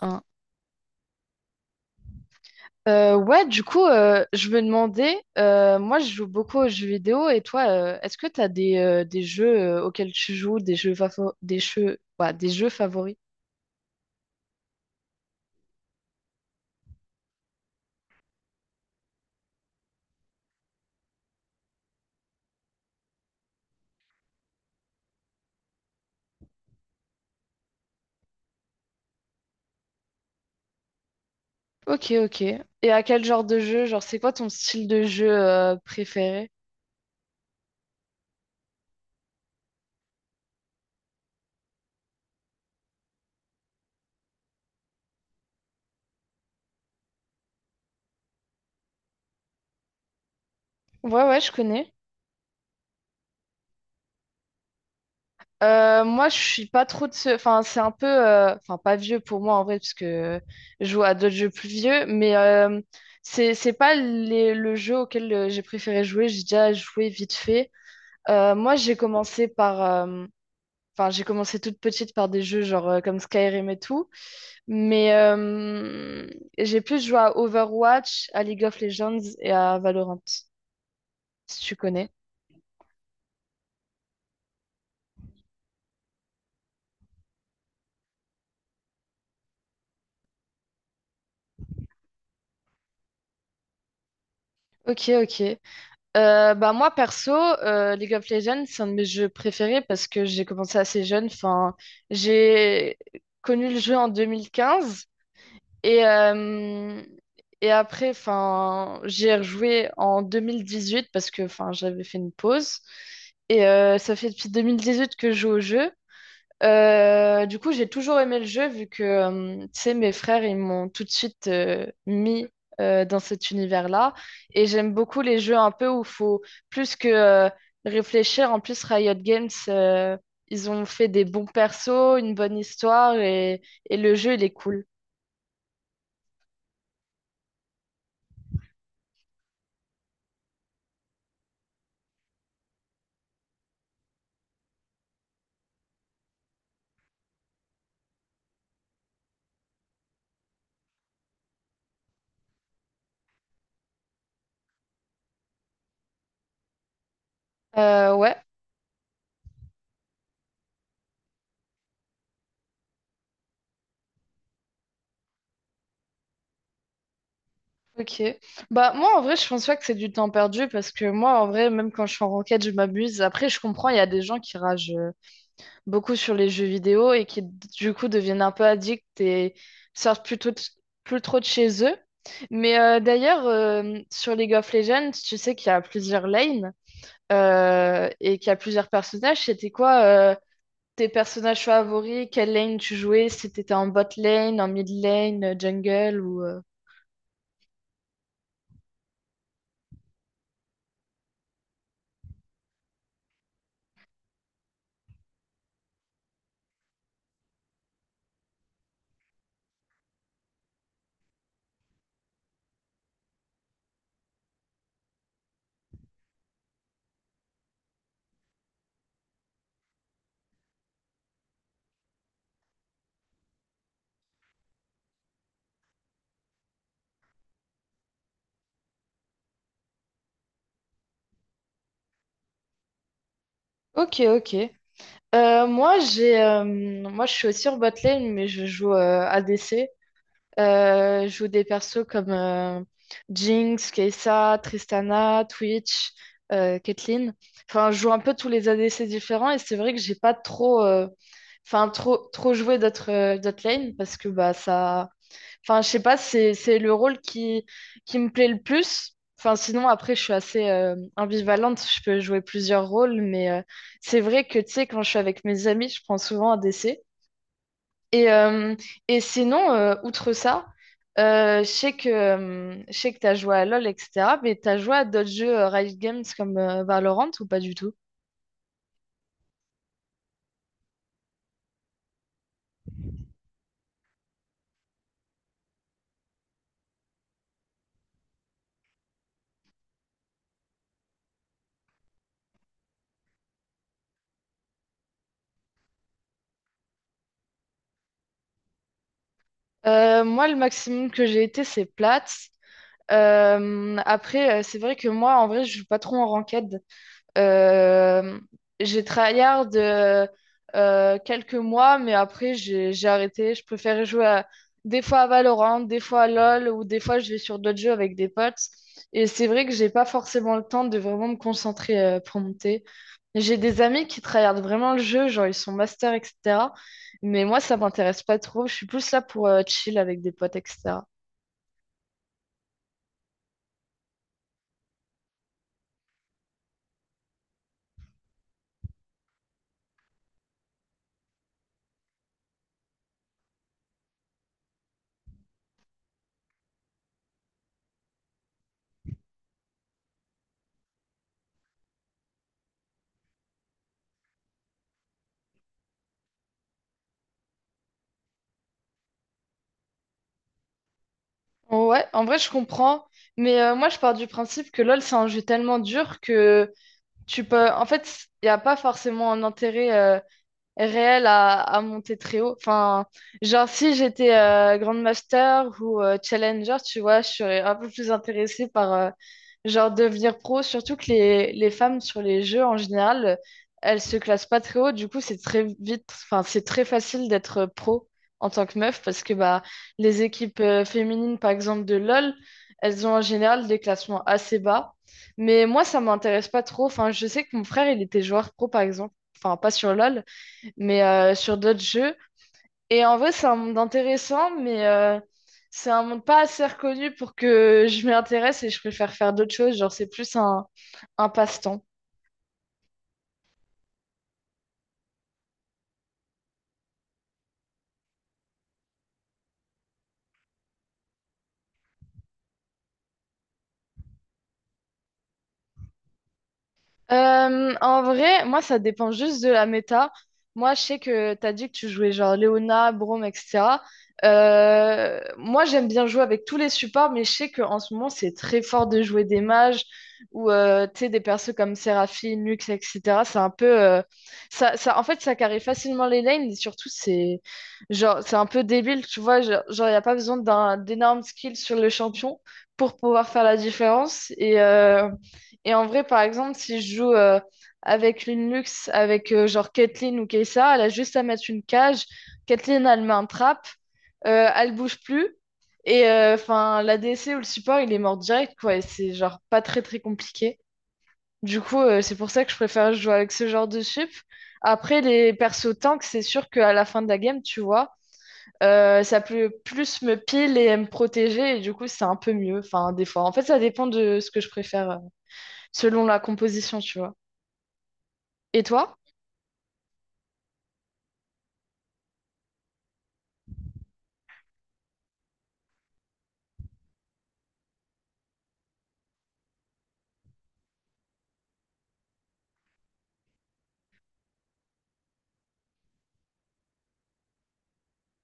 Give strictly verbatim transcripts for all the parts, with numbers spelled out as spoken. Hein. Euh, ouais, du coup, euh, je me demandais, euh, moi je joue beaucoup aux jeux vidéo et toi, euh, est-ce que tu as des, euh, des jeux euh, auxquels tu joues, des jeux, favo- des jeux, ouais, des jeux favoris? Ok, ok. Et à quel genre de jeu? Genre, c'est quoi ton style de jeu euh, préféré? Ouais, ouais, je connais. Euh, moi, je suis pas trop de ce. Enfin, c'est un peu. Euh, Enfin, pas vieux pour moi, en vrai, parce que je joue à d'autres jeux plus vieux, mais euh, c'est, c'est pas les- le jeu auquel euh, j'ai préféré jouer. J'ai déjà joué vite fait. Euh, moi, j'ai commencé par, euh, enfin, j'ai commencé toute petite par des jeux genre euh, comme Skyrim et tout, mais euh, j'ai plus joué à Overwatch, à League of Legends et à Valorant, si tu connais. Ok, ok. Euh, bah moi perso, euh, League of Legends, c'est un de mes jeux préférés parce que j'ai commencé assez jeune. Enfin, j'ai connu le jeu en deux mille quinze. Et, euh, et après, enfin, j'ai rejoué en deux mille dix-huit parce que enfin, j'avais fait une pause. Et euh, ça fait depuis deux mille dix-huit que je joue au jeu. Euh, du coup, j'ai toujours aimé le jeu vu que, euh, tu sais, mes frères, ils m'ont tout de suite euh, mis euh, dans cet univers-là. Et j'aime beaucoup les jeux un peu où il faut plus que euh, réfléchir. En plus, Riot Games, euh, ils ont fait des bons persos, une bonne histoire et, et le jeu, il est cool. Euh, ouais. Ok. Bah moi en vrai je pense pas que c'est du temps perdu parce que moi en vrai même quand je suis en ranked je m'amuse. Après je comprends, il y a des gens qui ragent euh, beaucoup sur les jeux vidéo et qui du coup deviennent un peu addicts et sortent plutôt de- plus trop de chez eux. Mais euh, d'ailleurs euh, sur League of Legends, tu sais qu'il y a plusieurs lanes euh, et qu'il y a plusieurs personnages. C'était quoi euh, tes personnages favoris? Quelle lane tu jouais? Si t'étais en bot lane, en mid lane, euh, jungle ou... euh, Ok, ok. Euh, moi, j'ai, euh, moi, je suis aussi en botlane, mais je joue euh, A D C. Euh, je joue des persos comme euh, Jinx, Kai'Sa, Tristana, Twitch, euh, Caitlyn. Enfin, je joue un peu tous les A D C différents et c'est vrai que j'ai pas trop, euh, enfin, trop, trop joué d'autres euh, d'autres lanes parce que bah, ça. Enfin, je sais pas, c'est c'est le rôle qui, qui me plaît le plus. Enfin, sinon, après, je suis assez euh, ambivalente, je peux jouer plusieurs rôles, mais euh, c'est vrai que, tu sais, quand je suis avec mes amis, je prends souvent un D C. Et, euh, et sinon, euh, outre ça, euh, je sais que, euh, je sais que tu as joué à LoL, et cetera, mais tu as joué à d'autres jeux euh, Riot Games comme euh, Valorant ou pas du tout? Euh, moi, le maximum que j'ai été, c'est plate. Euh, après, euh, c'est vrai que moi, en vrai, je joue pas trop en ranked. Euh, j'ai tryhard euh, euh, quelques mois, mais après j'ai j'ai arrêté. Je préférais jouer à- des fois à Valorant, des fois à LoL, ou des fois je vais sur d'autres jeux avec des potes. Et c'est vrai que j'ai pas forcément le temps de vraiment me concentrer euh, pour monter. J'ai des amis qui tryhardent vraiment le jeu, genre ils sont masters, et cetera. Mais moi ça m'intéresse pas trop. Je suis plus là pour euh, chill avec des potes, et cetera. Ouais, en vrai je comprends. Mais euh, moi je pars du principe que LoL c'est un jeu tellement dur que tu peux, en fait, il n'y a pas forcément un intérêt euh, réel à, à monter très haut. Enfin, genre si j'étais euh, Grandmaster ou euh, Challenger, tu vois, je serais un peu plus intéressée par euh, genre devenir pro, surtout que les, les femmes sur les jeux en général, elles se classent pas très haut, du coup c'est très vite, enfin c'est très facile d'être pro en tant que meuf parce que bah les équipes euh, féminines par exemple de LoL, elles ont en général des classements assez bas. Mais moi, ça m'intéresse pas trop. Enfin, je sais que mon frère, il était joueur pro, par exemple. Enfin, pas sur LoL, mais euh, sur d'autres jeux. Et en vrai, c'est un monde intéressant, mais euh, c'est un monde pas assez reconnu pour que je m'y intéresse et je préfère faire d'autres choses. Genre, c'est plus un, un passe-temps. Euh, en vrai, moi, ça dépend juste de la méta. Moi, je sais que tu as dit que tu jouais genre Léona, Brome, et cetera. Euh, moi, j'aime bien jouer avec tous les supports, mais je sais qu'en ce moment, c'est très fort de jouer des mages ou euh, tu sais, des persos comme Séraphine, Lux, et cetera. C'est un peu. euh, ça, ça, en fait, ça carry facilement les lanes et surtout, c'est genre, c'est un peu débile, tu vois. Genre, il n'y a pas besoin d'un d'énormes skills sur le champion pour pouvoir faire la différence. Et. euh, et en vrai, par exemple, si je joue euh, avec une luxe, avec euh, genre Caitlyn ou Kessa, elle a juste à mettre une cage. Caitlyn, elle met un trap, euh, elle bouge plus. Et euh, enfin, l'A D C ou le support, il est mort direct, quoi. Et c'est genre pas très très compliqué. Du coup, euh, c'est pour ça que je préfère jouer avec ce genre de sup. Après, les persos tank, c'est sûr qu'à la fin de la game, tu vois, euh, ça peut plus me pile et me protéger. Et du coup, c'est un peu mieux. Enfin, des fois. En fait, ça dépend de ce que je préfère. euh, selon la composition, tu vois. Et toi?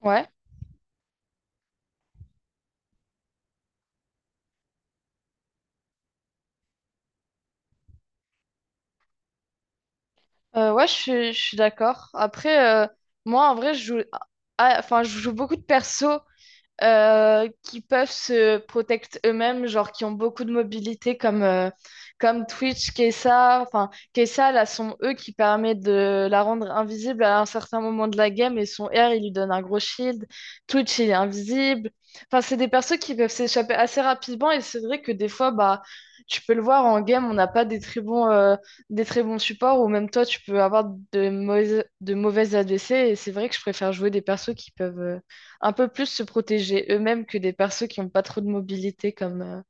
Ouais. Euh, ouais, je suis, je suis d'accord. Après, euh, moi, en vrai, je joue, ah, enfin, je joue beaucoup de persos euh, qui peuvent se protecter eux-mêmes, genre qui ont beaucoup de mobilité comme, euh, comme Twitch, Kesa. Enfin, Kesa, là, sont eux qui permettent de la rendre invisible à un certain moment de la game et son R, il lui donne un gros shield. Twitch, il est invisible. Enfin, c'est des persos qui peuvent s'échapper assez rapidement et c'est vrai que des fois, bah, tu peux le voir en game, on n'a pas des très bons, euh, des très bons supports ou même toi, tu peux avoir de mauvaises, de mauvaises A D C et c'est vrai que je préfère jouer des persos qui peuvent, euh, un peu plus se protéger eux-mêmes que des persos qui n'ont pas trop de mobilité comme, euh,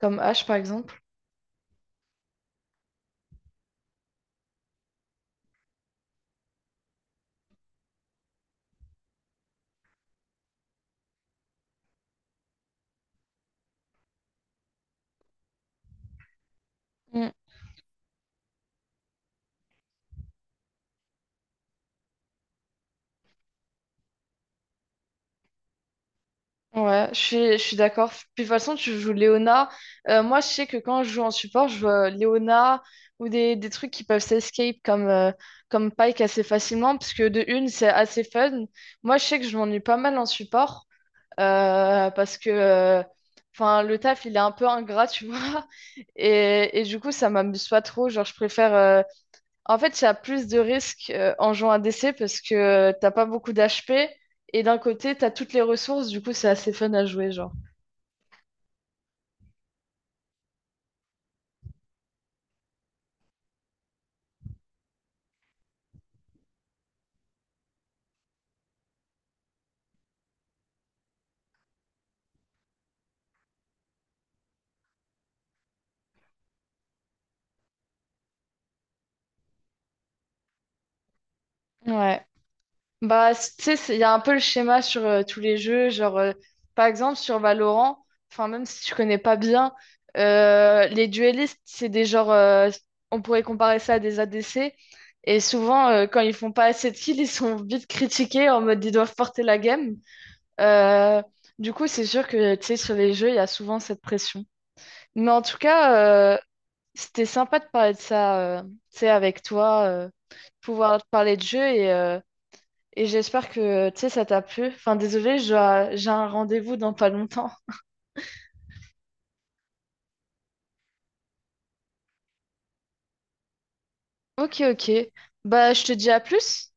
comme Ash par exemple. Mm. Ouais, je suis, je suis d'accord. Puis de toute façon, tu joues Léona. Euh, moi, je sais que quand je joue en support, je joue euh, Léona ou des, des trucs qui peuvent s'escape comme, euh, comme Pike assez facilement, parce que de une, c'est assez fun. Moi, je sais que je m'ennuie pas mal en support euh, parce que euh, enfin, le taf, il est un peu ingrat, tu vois. Et, et du coup, ça m'amuse pas trop. Genre, je préfère euh, en fait, il y a plus de risques euh, en jouant à D C parce que euh, t'as pas beaucoup d'H P et d'un côté, t'as toutes les ressources, du coup, c'est assez fun à jouer, genre. Ouais. Bah, c- tu sais, c'est- il y a un peu le schéma sur euh, tous les jeux, genre, euh, par exemple, sur Valorant, enfin, même si tu connais pas bien, euh, les duellistes, c'est des genres, euh, on pourrait comparer ça à des A D C, et souvent, euh, quand ils font pas assez de kills, ils sont vite critiqués en mode ils doivent porter la game. Euh, du coup, c'est sûr que, tu sais, sur les jeux, il y a souvent cette pression. Mais en tout cas, euh, c'était sympa de parler de ça, euh, tu sais, avec toi, euh, pouvoir te parler de jeu et, euh, et j'espère que, tu sais, ça t'a plu. Enfin, désolé, j'ai un rendez-vous dans pas longtemps. Ok, ok. Bah, je te dis à plus.